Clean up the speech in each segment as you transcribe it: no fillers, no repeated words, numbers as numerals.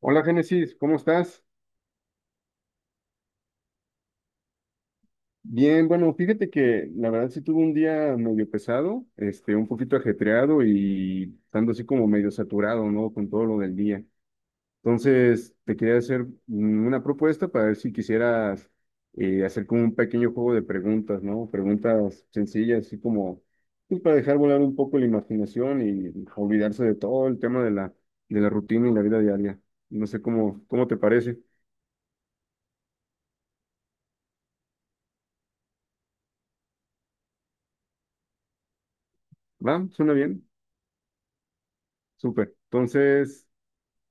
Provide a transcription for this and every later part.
Hola Génesis, ¿cómo estás? Bien, bueno, fíjate que la verdad sí tuve un día medio pesado, un poquito ajetreado y estando así como medio saturado, ¿no? Con todo lo del día. Entonces, te quería hacer una propuesta para ver si quisieras hacer como un pequeño juego de preguntas, ¿no? Preguntas sencillas, así como pues, para dejar volar un poco la imaginación y olvidarse de todo el tema de la rutina y la vida diaria. No sé cómo te parece. ¿Va? ¿Suena bien? Súper. Entonces,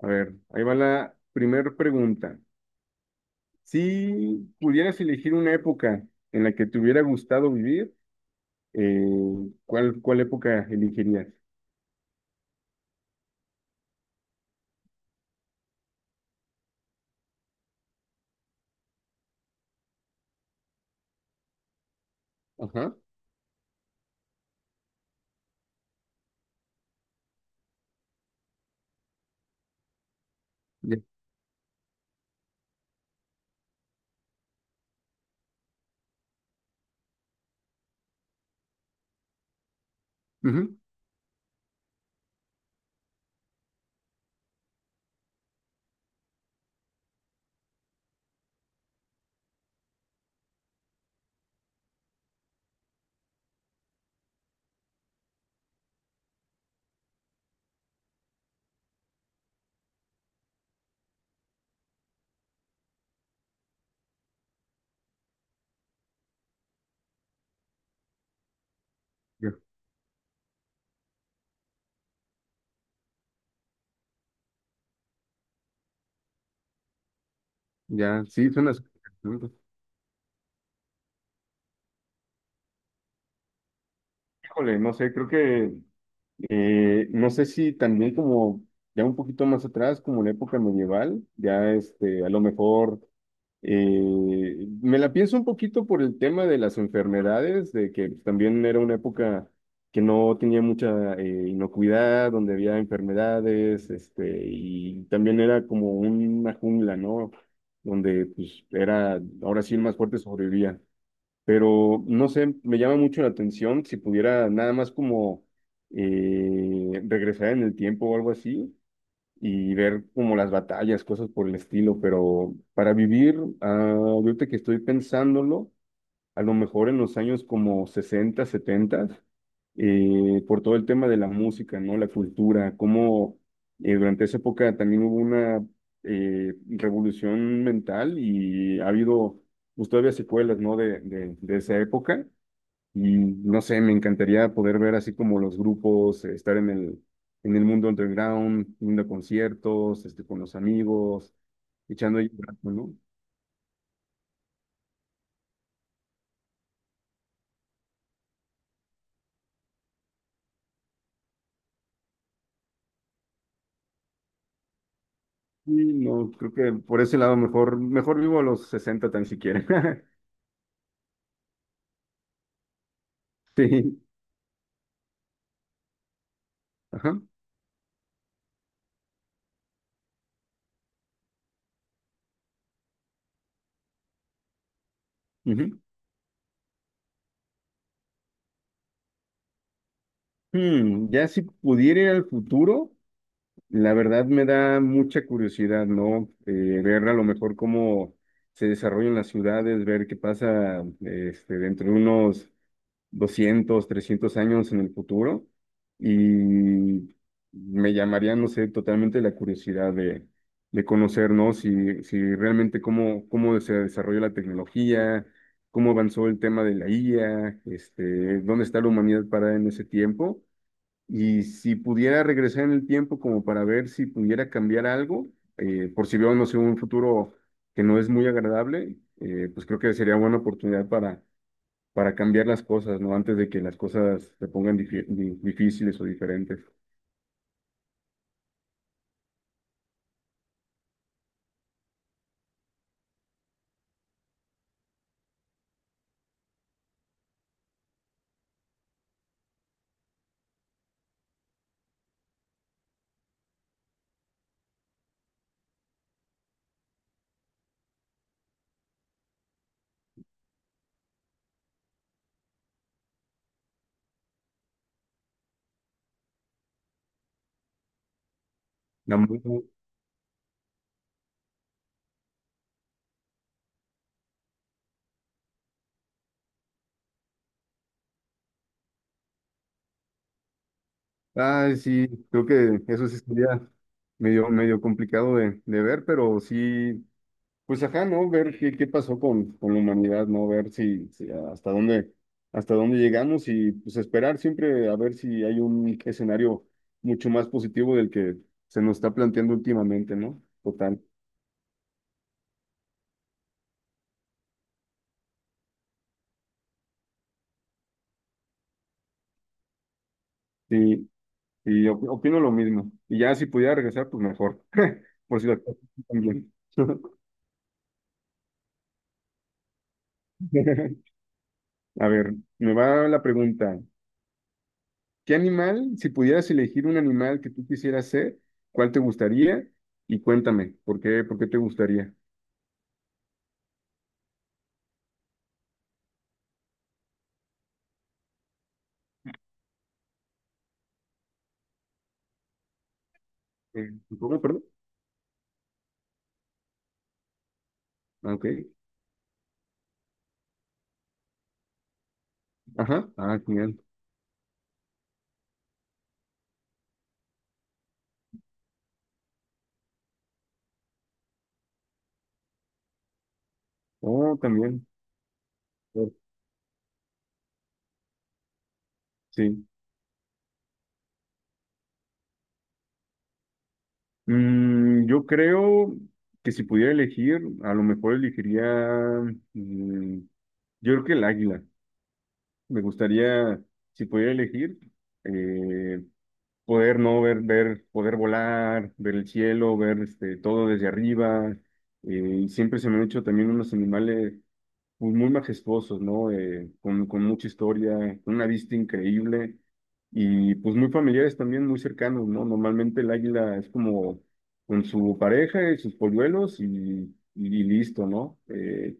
a ver, ahí va la primera pregunta. Si pudieras elegir una época en la que te hubiera gustado vivir, ¿cuál época elegirías? Ajá. Ya. Ujú. Ya. Ya. Sí, son las preguntas. Híjole, no sé, creo que no sé si también como ya un poquito más atrás, como la época medieval, ya a lo mejor eh, me la pienso un poquito por el tema de las enfermedades, de que también era una época que no tenía mucha inocuidad, donde había enfermedades, y también era como una jungla, ¿no? Donde pues era, ahora sí el más fuerte sobrevivía, pero no sé, me llama mucho la atención si pudiera nada más como regresar en el tiempo o algo así y ver como las batallas, cosas por el estilo, pero para vivir, ah, ahorita que estoy pensándolo a lo mejor en los años como 60 70, por todo el tema de la música, ¿no? La cultura, cómo durante esa época también hubo una revolución mental y ha habido pues, todavía secuelas, ¿no? De esa época. Y no sé, me encantaría poder ver así como los grupos, estar en el mundo underground, yendo a conciertos, con los amigos, echando ahí un rato, ¿no? Sí, no, creo que por ese lado mejor, mejor vivo a los 60 tan siquiera. Sí, ajá. Ujú. Ya si pudiera ir al futuro, la verdad me da mucha curiosidad, ¿no? Ver a lo mejor cómo se desarrollan las ciudades, ver qué pasa dentro de unos 200 300 años en el futuro y me llamaría, no sé, totalmente la curiosidad de conocer, ¿no? Si realmente cómo se desarrolló la tecnología, cómo avanzó el tema de la IA, dónde está la humanidad parada en ese tiempo y si pudiera regresar en el tiempo como para ver si pudiera cambiar algo, por si veo, no sé, un futuro que no es muy agradable, pues creo que sería buena oportunidad para cambiar las cosas, ¿no? Antes de que las cosas se pongan difíciles o diferentes. La mu- Ay, sí, creo que eso sí sería medio, medio complicado de ver, pero sí, pues ajá, ¿no? Ver qué pasó con la humanidad, ¿no? Ver si, si hasta dónde llegamos y pues esperar siempre a ver si hay un escenario mucho más positivo del que se nos está planteando últimamente, ¿no? Total. Sí, y opino lo mismo. Y ya si pudiera regresar, pues mejor. Por si las cosas también. A ver, me va la pregunta. ¿Qué animal, si pudieras elegir un animal que tú quisieras ser, cuál te gustaría? Y cuéntame, ¿por qué te gustaría? Eh, ¿Cómo, perdón? Ah, ok. Ajá. Ah, genial. Oh, también. Oh, sí. Yo creo que si pudiera elegir, a lo mejor elegiría, mm, yo creo que el águila. Me gustaría, si pudiera elegir, eh, poder no ver, ver, poder volar, ver el cielo, ver todo desde arriba. Eh, y siempre se me han hecho también unos animales pues, muy majestuosos, ¿no? Con mucha historia, una vista increíble y pues muy familiares también, muy cercanos, ¿no? Normalmente el águila es como con su pareja y sus polluelos y listo, ¿no? Eh,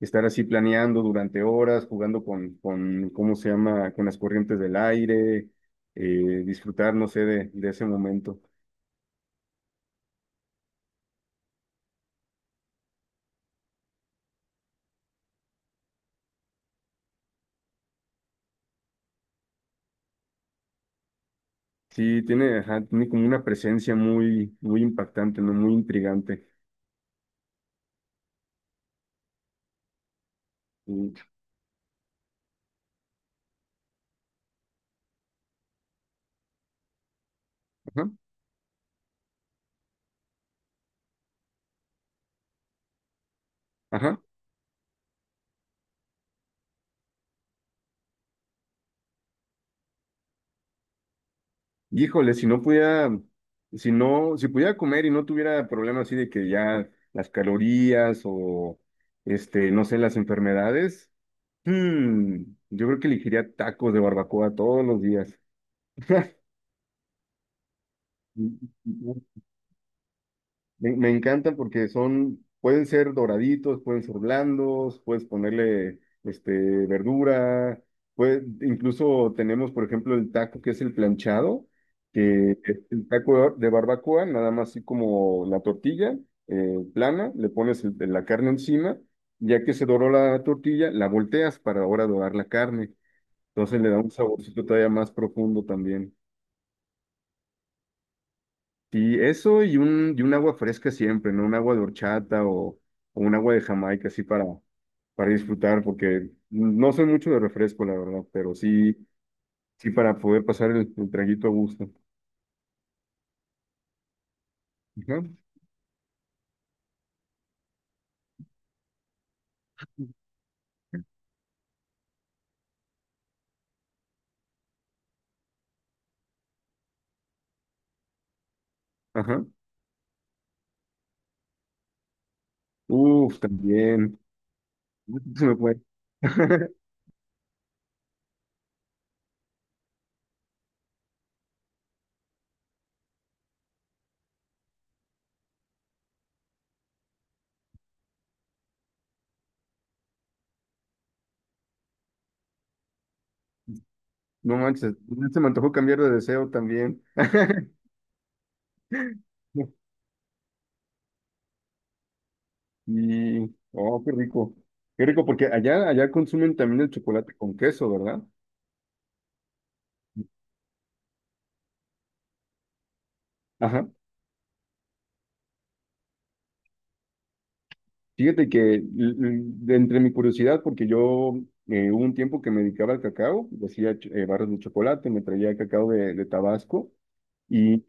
estar así planeando durante horas, jugando con, ¿cómo se llama?, con las corrientes del aire, disfrutar, no sé, de ese momento. Sí, tiene, ajá, tiene como una presencia muy, muy impactante, ¿no? Muy intrigante. Y, ajá, ajá. Híjole, si no pudiera, si no, si pudiera comer y no tuviera problemas así de que ya las calorías o, no sé, las enfermedades, hmm, yo creo que elegiría tacos de barbacoa todos los días. Me encantan porque son, pueden ser doraditos, pueden ser blandos, puedes ponerle verdura, incluso tenemos, por ejemplo, el taco que es el planchado, que es el taco de barbacoa, nada más así como la tortilla plana, le pones la carne encima, ya que se doró la tortilla, la volteas para ahora dorar la carne, entonces le da un saborcito todavía más profundo también. Y eso y un, agua fresca siempre, ¿no? Un agua de horchata o un agua de Jamaica, así para disfrutar, porque no soy mucho de refresco, la verdad, pero sí, sí para poder pasar el traguito a gusto. Ajá. Ajá. Uf, también. Se me fue. No manches, se me antojó cambiar de deseo también. Y, oh, qué rico. Qué rico, porque allá, allá consumen también el chocolate con queso, ¿verdad? Ajá. Fíjate que de entre mi curiosidad, porque yo hubo un tiempo que me dedicaba al cacao, y hacía barras de chocolate, me traía cacao de Tabasco y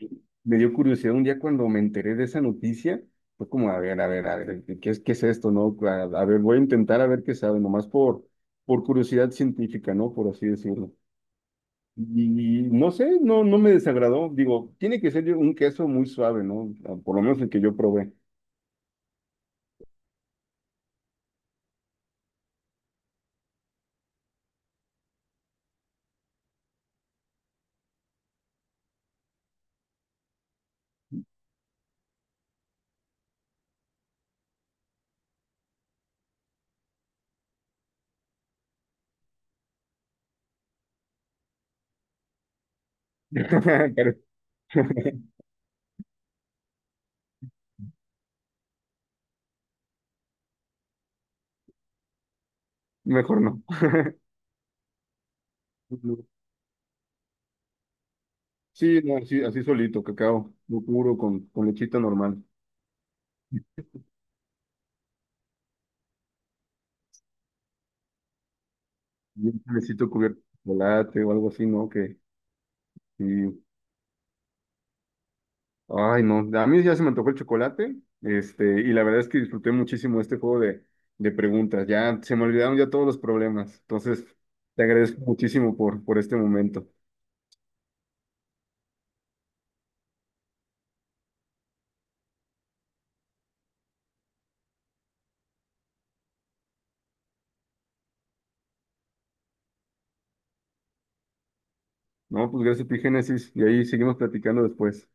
me dio curiosidad un día cuando me enteré de esa noticia, fue como, a ver, a ver, a ver, qué es esto, no? A ver, voy a intentar a ver qué sabe, nomás por curiosidad científica, ¿no? Por así decirlo. Y no sé, no, no me desagradó. Digo, tiene que ser un queso muy suave, ¿no? Ah, por lo menos el que yo probé. Pero mejor no. Sí, no, así, así solito, cacao, lo puro, con lechita normal. Y un necesito cubierto de chocolate o algo así, ¿no? Que, y, ay, no, a mí ya se me antojó el chocolate, y la verdad es que disfruté muchísimo este juego de preguntas. Ya se me olvidaron ya todos los problemas. Entonces, te agradezco muchísimo por este momento. No, pues gracias, Epigénesis, y ahí seguimos platicando después.